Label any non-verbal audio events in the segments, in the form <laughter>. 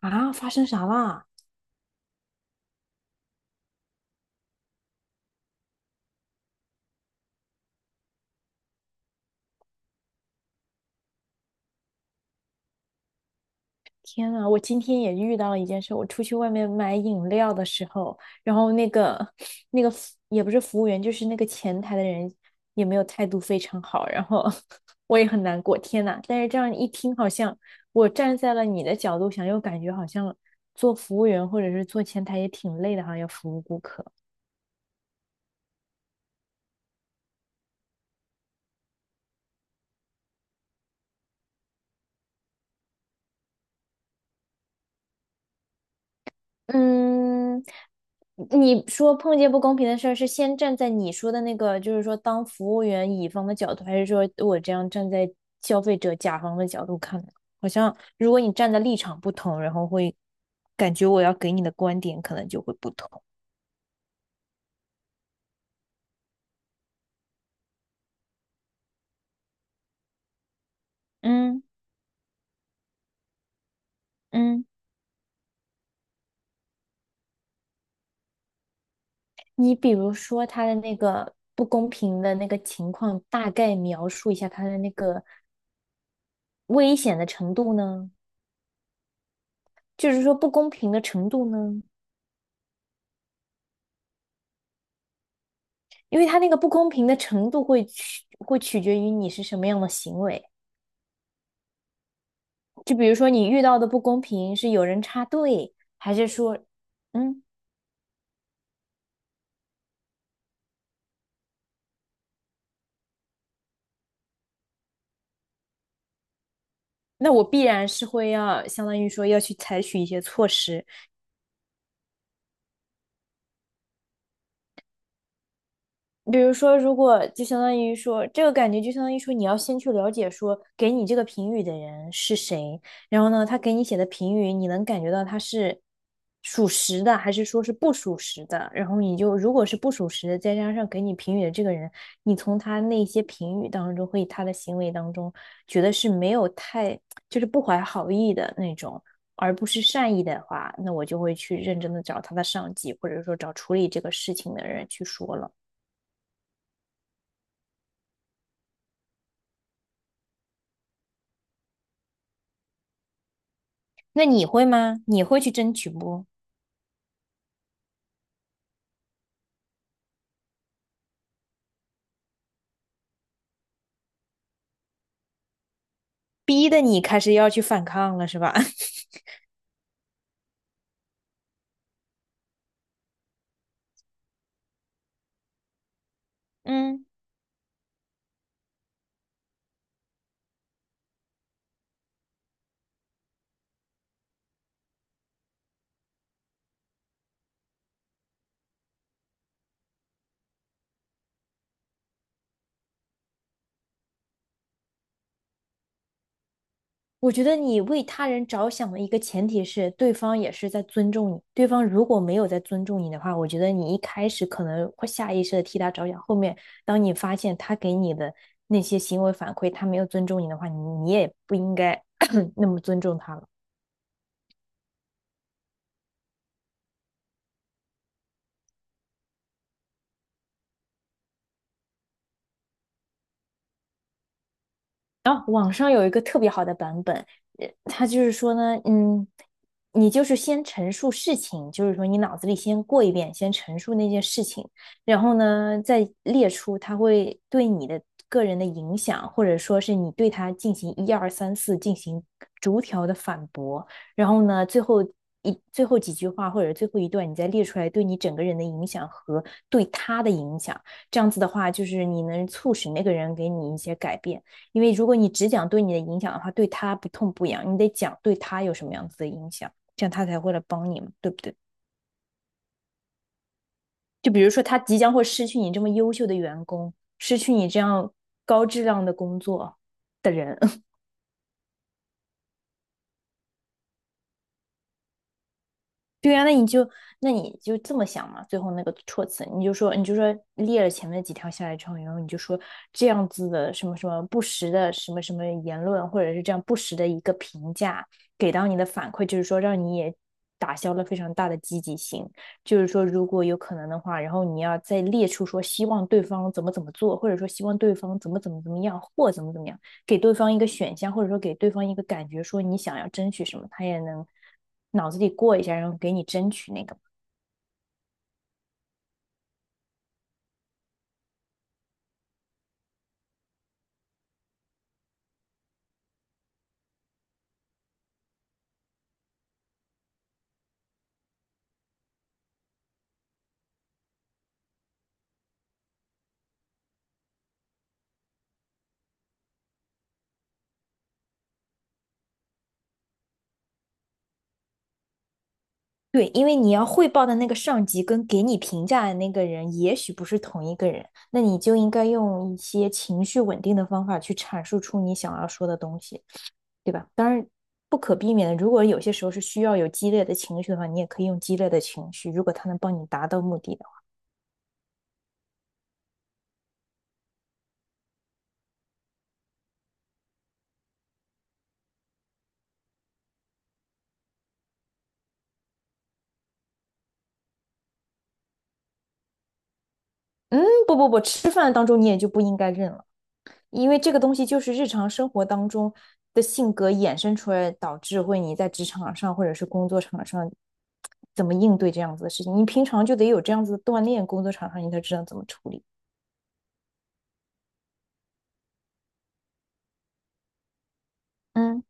啊，发生啥啦？天呐，我今天也遇到了一件事。我出去外面买饮料的时候，然后那个服也不是服务员，就是那个前台的人也没有态度非常好，然后 <laughs> 我也很难过。天呐，但是这样一听，好像我站在了你的角度想，又感觉好像做服务员或者是做前台也挺累的，好像要服务顾客。嗯，你说碰见不公平的事儿，是先站在你说的那个，就是说当服务员乙方的角度，还是说我这样站在消费者甲方的角度看呢？好像如果你站的立场不同，然后会感觉我要给你的观点可能就会不同。嗯，嗯，你比如说他的那个不公平的那个情况，大概描述一下他的那个危险的程度呢？就是说不公平的程度呢？因为它那个不公平的程度会取决于你是什么样的行为。就比如说你遇到的不公平是有人插队，还是说，嗯，那我必然是会要相当于说要去采取一些措施。比如说，如果就相当于说，这个感觉就相当于说，你要先去了解说给你这个评语的人是谁，然后呢，他给你写的评语，你能感觉到他是属实的，还是说是不属实的，然后你就如果是不属实的，再加上给你评语的这个人，你从他那些评语当中和他的行为当中，觉得是没有太就是不怀好意的那种，而不是善意的话，那我就会去认真的找他的上级，或者说找处理这个事情的人去说了。那你会吗？你会去争取不？逼得你开始要去反抗了，是吧？<laughs> 嗯，我觉得你为他人着想的一个前提是，对方也是在尊重你。对方如果没有在尊重你的话，我觉得你一开始可能会下意识的替他着想，后面当你发现他给你的那些行为反馈，他没有尊重你的话，你也不应该 <coughs> <clears throat> 那么尊重他了。然后网上有一个特别好的版本，它就是说呢，嗯，你就是先陈述事情，就是说你脑子里先过一遍，先陈述那件事情，然后呢，再列出它会对你的个人的影响，或者说是你对他进行一二三四进行逐条的反驳，然后呢，最后几句话或者最后一段，你再列出来对你整个人的影响和对他的影响，这样子的话，就是你能促使那个人给你一些改变。因为如果你只讲对你的影响的话，对他不痛不痒，你得讲对他有什么样子的影响，这样他才会来帮你嘛，对不对？就比如说他即将会失去你这么优秀的员工，失去你这样高质量的工作的人，对呀，那你就这么想嘛，最后那个措辞，你就说列了前面几条下来之后，然后你就说这样子的什么什么不实的什么什么言论，或者是这样不实的一个评价，给到你的反馈就是说让你也打消了非常大的积极性，就是说如果有可能的话，然后你要再列出说希望对方怎么怎么做，或者说希望对方怎么怎么怎么样或怎么怎么样。给对方一个选项，或者说给对方一个感觉，说你想要争取什么，他也能脑子里过一下，然后给你争取那个。对，因为你要汇报的那个上级跟给你评价的那个人，也许不是同一个人，那你就应该用一些情绪稳定的方法去阐述出你想要说的东西，对吧？当然，不可避免的，如果有些时候是需要有激烈的情绪的话，你也可以用激烈的情绪，如果他能帮你达到目的的话。嗯，不不不，吃饭当中你也就不应该认了。因为这个东西就是日常生活当中的性格衍生出来，导致会你在职场上或者是工作场上怎么应对这样子的事情。你平常就得有这样子的锻炼，工作场上你才知道怎么处理。嗯。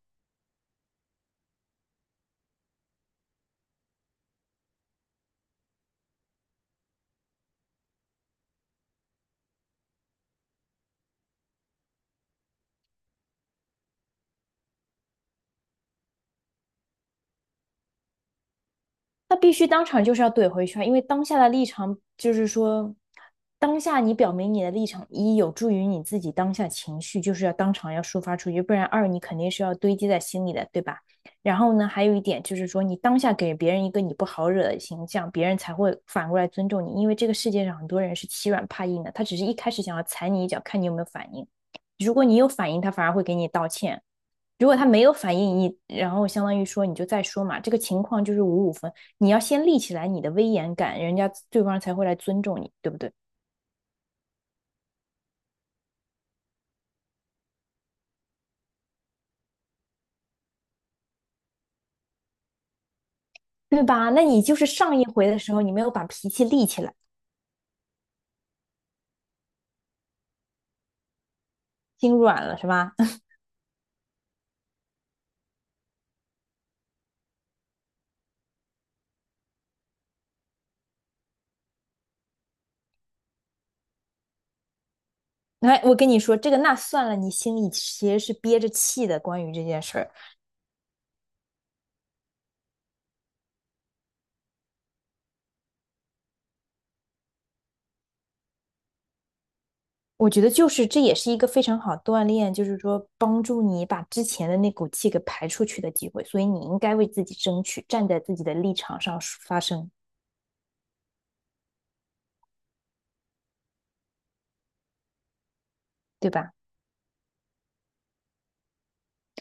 那必须当场就是要怼回去啊，因为当下的立场就是说，当下你表明你的立场，一有助于你自己当下情绪，就是要当场要抒发出去，不然二你肯定是要堆积在心里的，对吧？然后呢，还有一点就是说，你当下给别人一个你不好惹的形象，别人才会反过来尊重你，因为这个世界上很多人是欺软怕硬的，他只是一开始想要踩你一脚，看你有没有反应。如果你有反应，他反而会给你道歉。如果他没有反应你，然后相当于说你就再说嘛，这个情况就是五五分，你要先立起来你的威严感，人家对方才会来尊重你，对不对？对吧？那你就是上一回的时候，你没有把脾气立起来，心软了是吧？<laughs> 来，我跟你说，这个那算了，你心里其实是憋着气的。关于这件事儿，我觉得就是这也是一个非常好锻炼，就是说帮助你把之前的那股气给排出去的机会。所以你应该为自己争取，站在自己的立场上发声，对吧？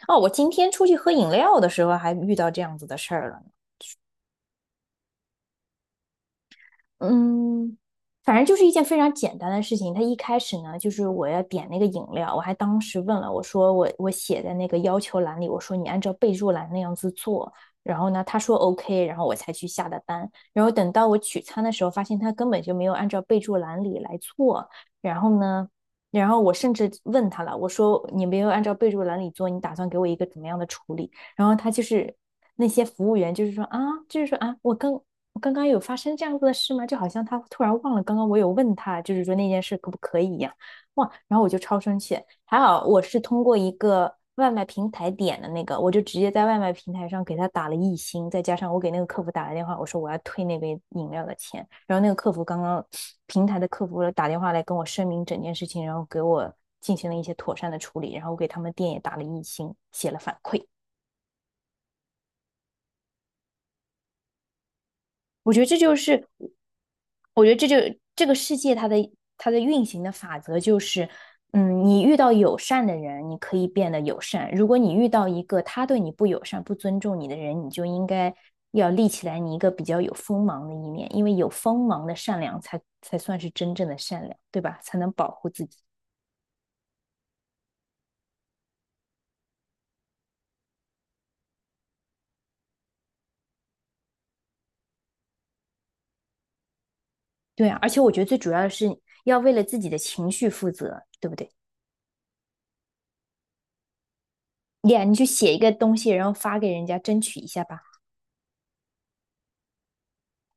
哦，我今天出去喝饮料的时候还遇到这样子的事儿了呢。嗯，反正就是一件非常简单的事情。他一开始呢，就是我要点那个饮料，我还当时问了，我说我写在那个要求栏里，我说你按照备注栏那样子做。然后呢，他说 OK，然后我才去下的单。然后等到我取餐的时候，发现他根本就没有按照备注栏里来做。然后呢，然后我甚至问他了，我说你没有按照备注栏里做，你打算给我一个怎么样的处理？然后他就是那些服务员，就是说啊，我刚刚有发生这样子的事吗？就好像他突然忘了刚刚我有问他，就是说那件事可不可以一样。哇，然后我就超生气。还好我是通过一个外卖平台点的那个，我就直接在外卖平台上给他打了一星，再加上我给那个客服打了电话，我说我要退那杯饮料的钱。然后那个客服刚刚平台的客服打电话来跟我声明整件事情，然后给我进行了一些妥善的处理，然后我给他们店也打了一星，写了反馈。我觉得这就是，我觉得这就这个世界它的运行的法则就是，嗯，你遇到友善的人，你可以变得友善；如果你遇到一个他对你不友善、不尊重你的人，你就应该要立起来你一个比较有锋芒的一面，因为有锋芒的善良才算是真正的善良，对吧？才能保护自己。对啊，而且我觉得最主要的是要为了自己的情绪负责，对不对？呀，你去写一个东西，然后发给人家，争取一下吧。